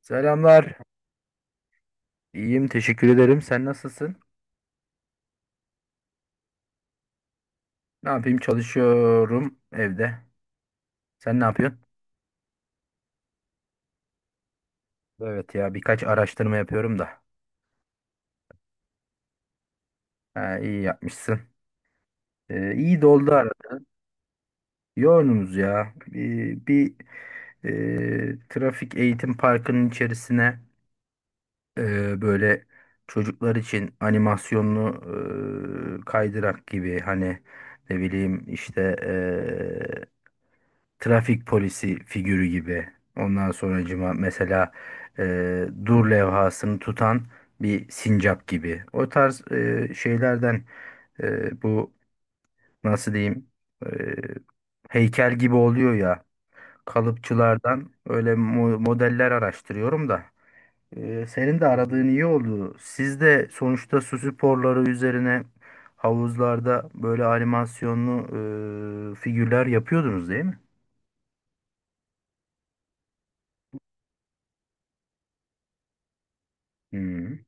Selamlar. İyiyim, teşekkür ederim. Sen nasılsın? Ne yapayım? Çalışıyorum evde. Sen ne yapıyorsun? Evet ya, birkaç araştırma yapıyorum da. Ha, iyi yapmışsın. İyi doldu arada. Yoğunuz ya. Bir trafik eğitim parkının içerisine, böyle çocuklar için animasyonlu, kaydırak gibi, hani ne bileyim işte, e, trafik polisi figürü gibi. Ondan sonracıma mesela dur levhasını tutan bir sincap gibi. O tarz şeylerden, bu nasıl diyeyim, e, heykel gibi oluyor ya, kalıpçılardan öyle modeller araştırıyorum da. Senin de aradığın iyi oldu. Siz de sonuçta su sporları üzerine havuzlarda böyle animasyonlu figürler yapıyordunuz değil mi? Hı.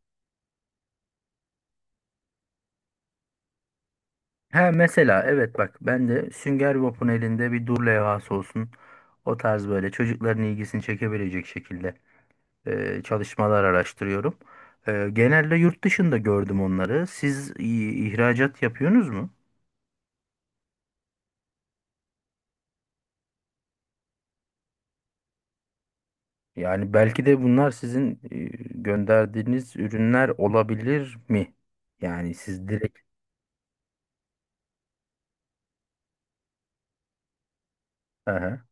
He, mesela evet, bak ben de Sünger Bob'un elinde bir dur levhası olsun. O tarz böyle çocukların ilgisini çekebilecek şekilde çalışmalar araştırıyorum. Genelde yurt dışında gördüm onları. Siz ihracat yapıyorsunuz mu? Yani belki de bunlar sizin gönderdiğiniz ürünler olabilir mi? Yani siz direkt... Aha.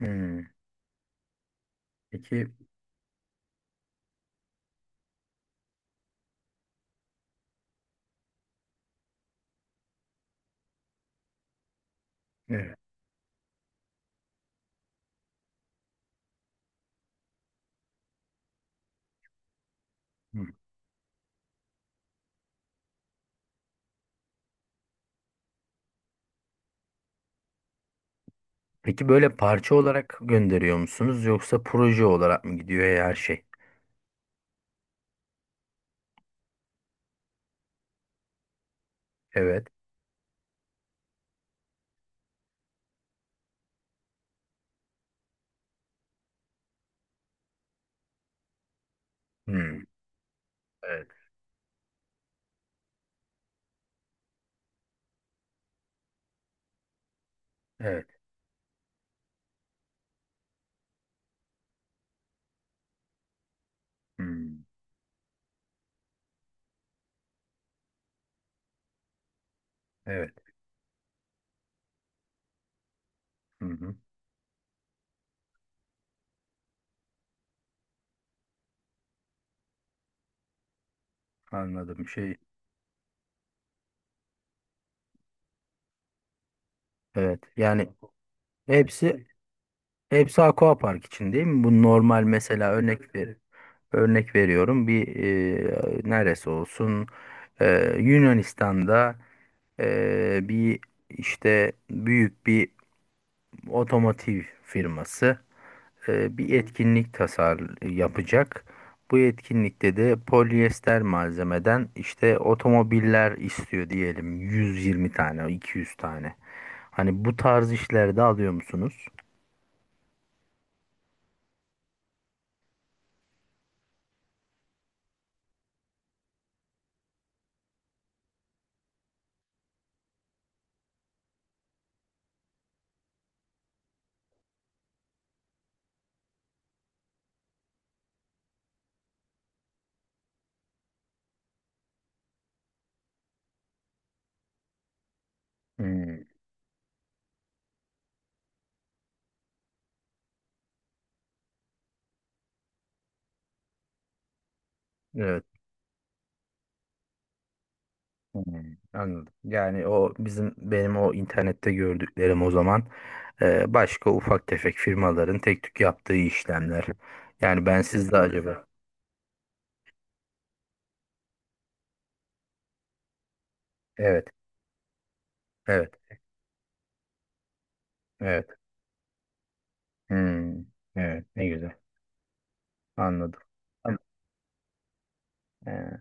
Hmm. Peki... Evet. Hmm. Peki böyle parça olarak gönderiyor musunuz yoksa proje olarak mı gidiyor her şey? Evet. Hmm, evet, evet. Hmm, evet. Hı hı. Anladım. Şey, evet, yani hepsi hepsi aquapark için değil mi? Bu normal, mesela, örnek veriyorum, bir neresi olsun. E, Yunanistan'da bir, işte büyük bir otomotiv firması bir etkinlik yapacak. Bu etkinlikte de polyester malzemeden işte otomobiller istiyor, diyelim 120 tane, 200 tane. Hani bu tarz işlerde alıyor musunuz? Hmm, evet. Hmm, anladım. Yani O bizim benim o internette gördüklerim o zaman başka ufak tefek firmaların tek tük yaptığı işlemler. Yani ben sizde, acaba? Evet, evet, evet. Hmm, evet. Ne güzel. Anladım. Ee,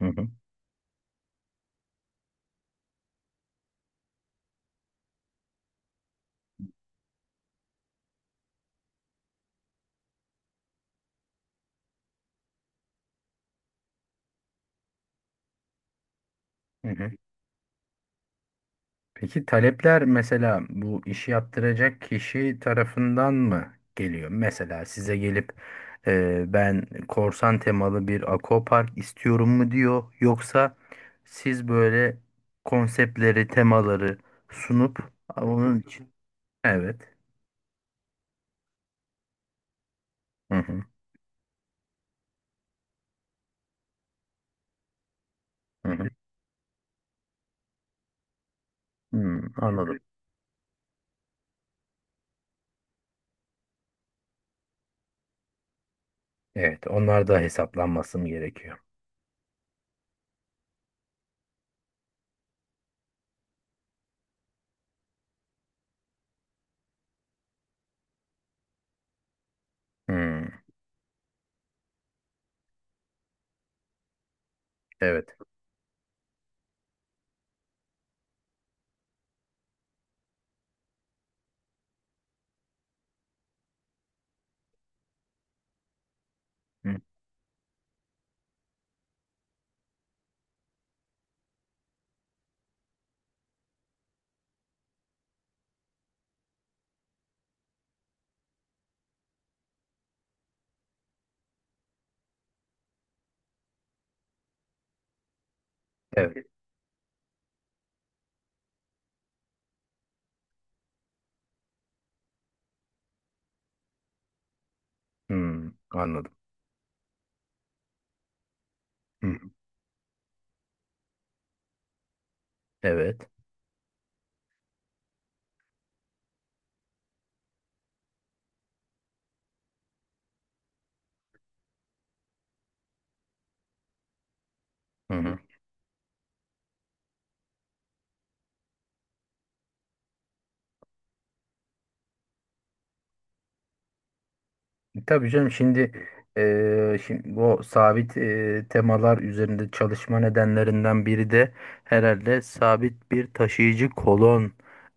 hı hı, hı hı. Peki talepler mesela bu işi yaptıracak kişi tarafından mı geliyor? Mesela size gelip ben korsan temalı bir akopark istiyorum mu diyor, yoksa siz böyle konseptleri, temaları sunup onun için... Evet. Hı hı, hı hı. Hmm, anladım. Evet, onlar da hesaplanması mı gerekiyor? Hmm, evet. Hı. Evet. Hmm, anladım. Hı, evet. Hı hı. Tabii canım. Şimdi bu sabit, temalar üzerinde çalışma nedenlerinden biri de herhalde sabit bir taşıyıcı kolon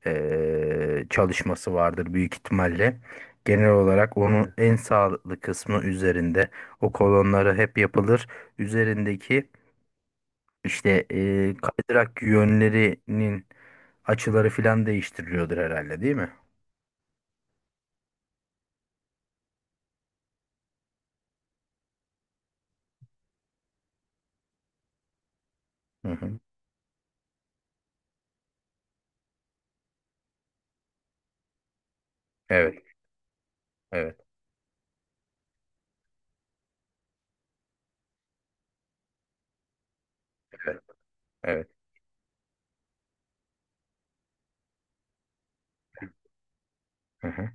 çalışması vardır büyük ihtimalle. Genel olarak onun, evet, en sağlıklı kısmı üzerinde o kolonları hep yapılır. Üzerindeki işte kaydırak yönlerinin açıları filan değiştiriliyordur herhalde değil mi? Hı hı. Evet, evet, evet, evet. Hı hı.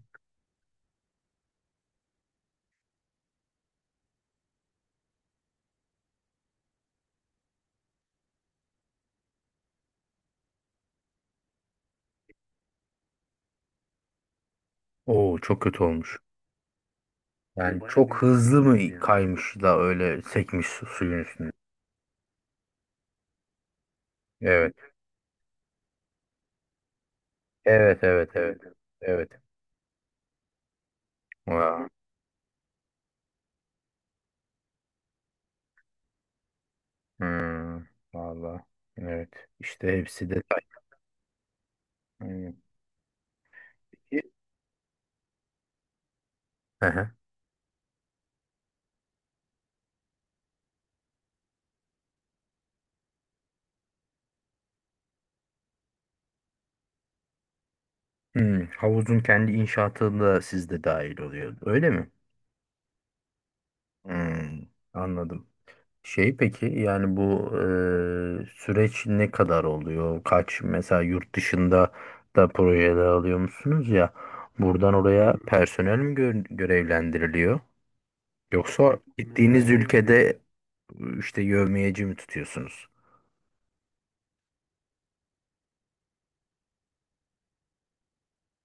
Oo, çok kötü olmuş. Yani baya çok büyük hızlı sıkıntı mı yani? Kaymış da öyle sekmiş suyun üstünde? Evet. Evet, evet, evet. Evet. Vaa. Hmm. Valla. Evet. İşte hepsi detay. Hmm. Aha. Hmm. Havuzun kendi inşaatı da sizde dahil oluyor. Öyle mi? Hmm. Anladım. Şey, peki yani bu süreç ne kadar oluyor? Mesela yurt dışında da projeler alıyor musunuz ya? Buradan oraya personel mi görevlendiriliyor? Yoksa gittiğiniz ülkede işte yevmiyeci mi tutuyorsunuz?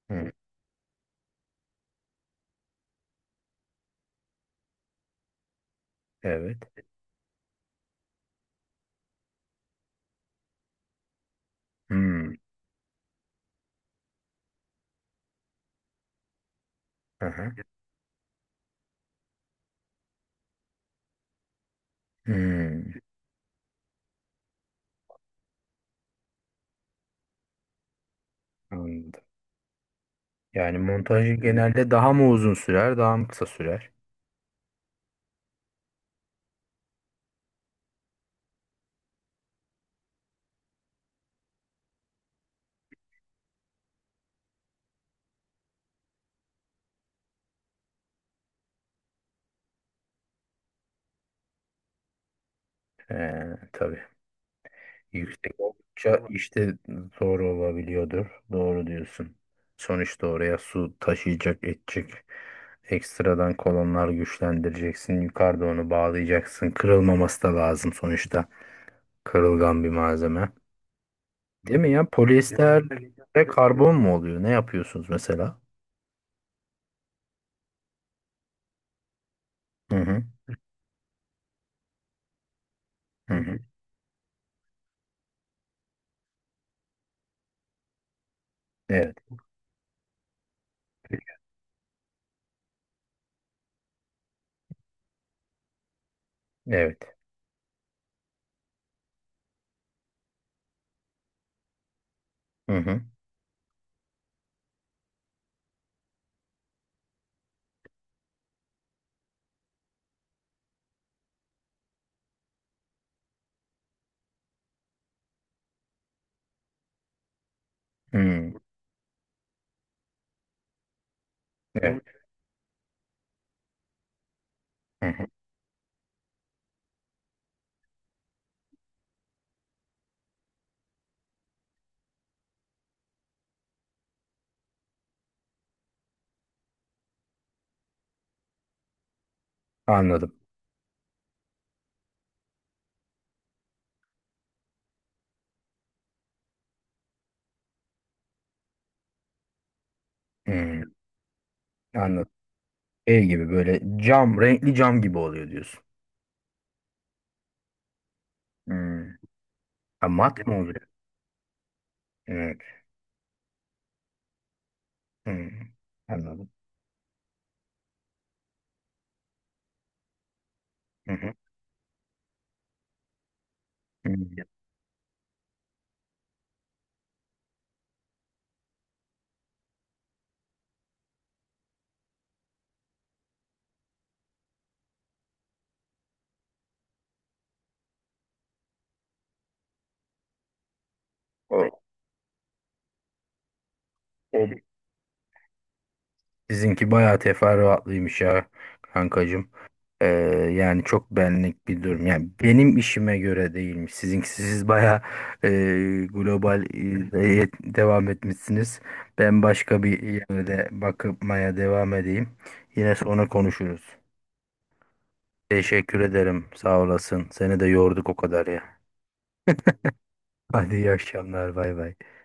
Hı, evet. Hmm, aha. Hmm, anladım. Yani montajı genelde daha mı uzun sürer, daha mı kısa sürer? Ee, tabii. Yüksek oldukça işte zor olabiliyordur. Doğru diyorsun. Sonuçta oraya su taşıyacak, edecek. Ekstradan kolonlar güçlendireceksin. Yukarıda onu bağlayacaksın. Kırılmaması da lazım sonuçta. Kırılgan bir malzeme. Değil mi ya? Polyester ve karbon mu oluyor? Ne yapıyorsunuz mesela? Hı hı. Hı hı. Evet. Evet. Hı hı. Hı. Evet. Hı hı. Anladım. Hı. Anladım. Şey gibi böyle cam, renkli cam gibi oluyor diyorsun. Hmm. Ha, mat mı oluyor? Evet. Hmm, anladım. Hı hı. Hı. O, o sizinki bayağı teferruatlıymış ya kankacığım. Ee, Yani çok benlik bir durum. Yani benim işime göre değilmiş. Sizinki, siz bayağı e, global, devam etmişsiniz. Ben başka bir yerde bakmaya devam edeyim. Yine sonra konuşuruz. Teşekkür ederim. Sağ olasın. Seni de yorduk o kadar ya. Hadi iyi akşamlar. Bay bay.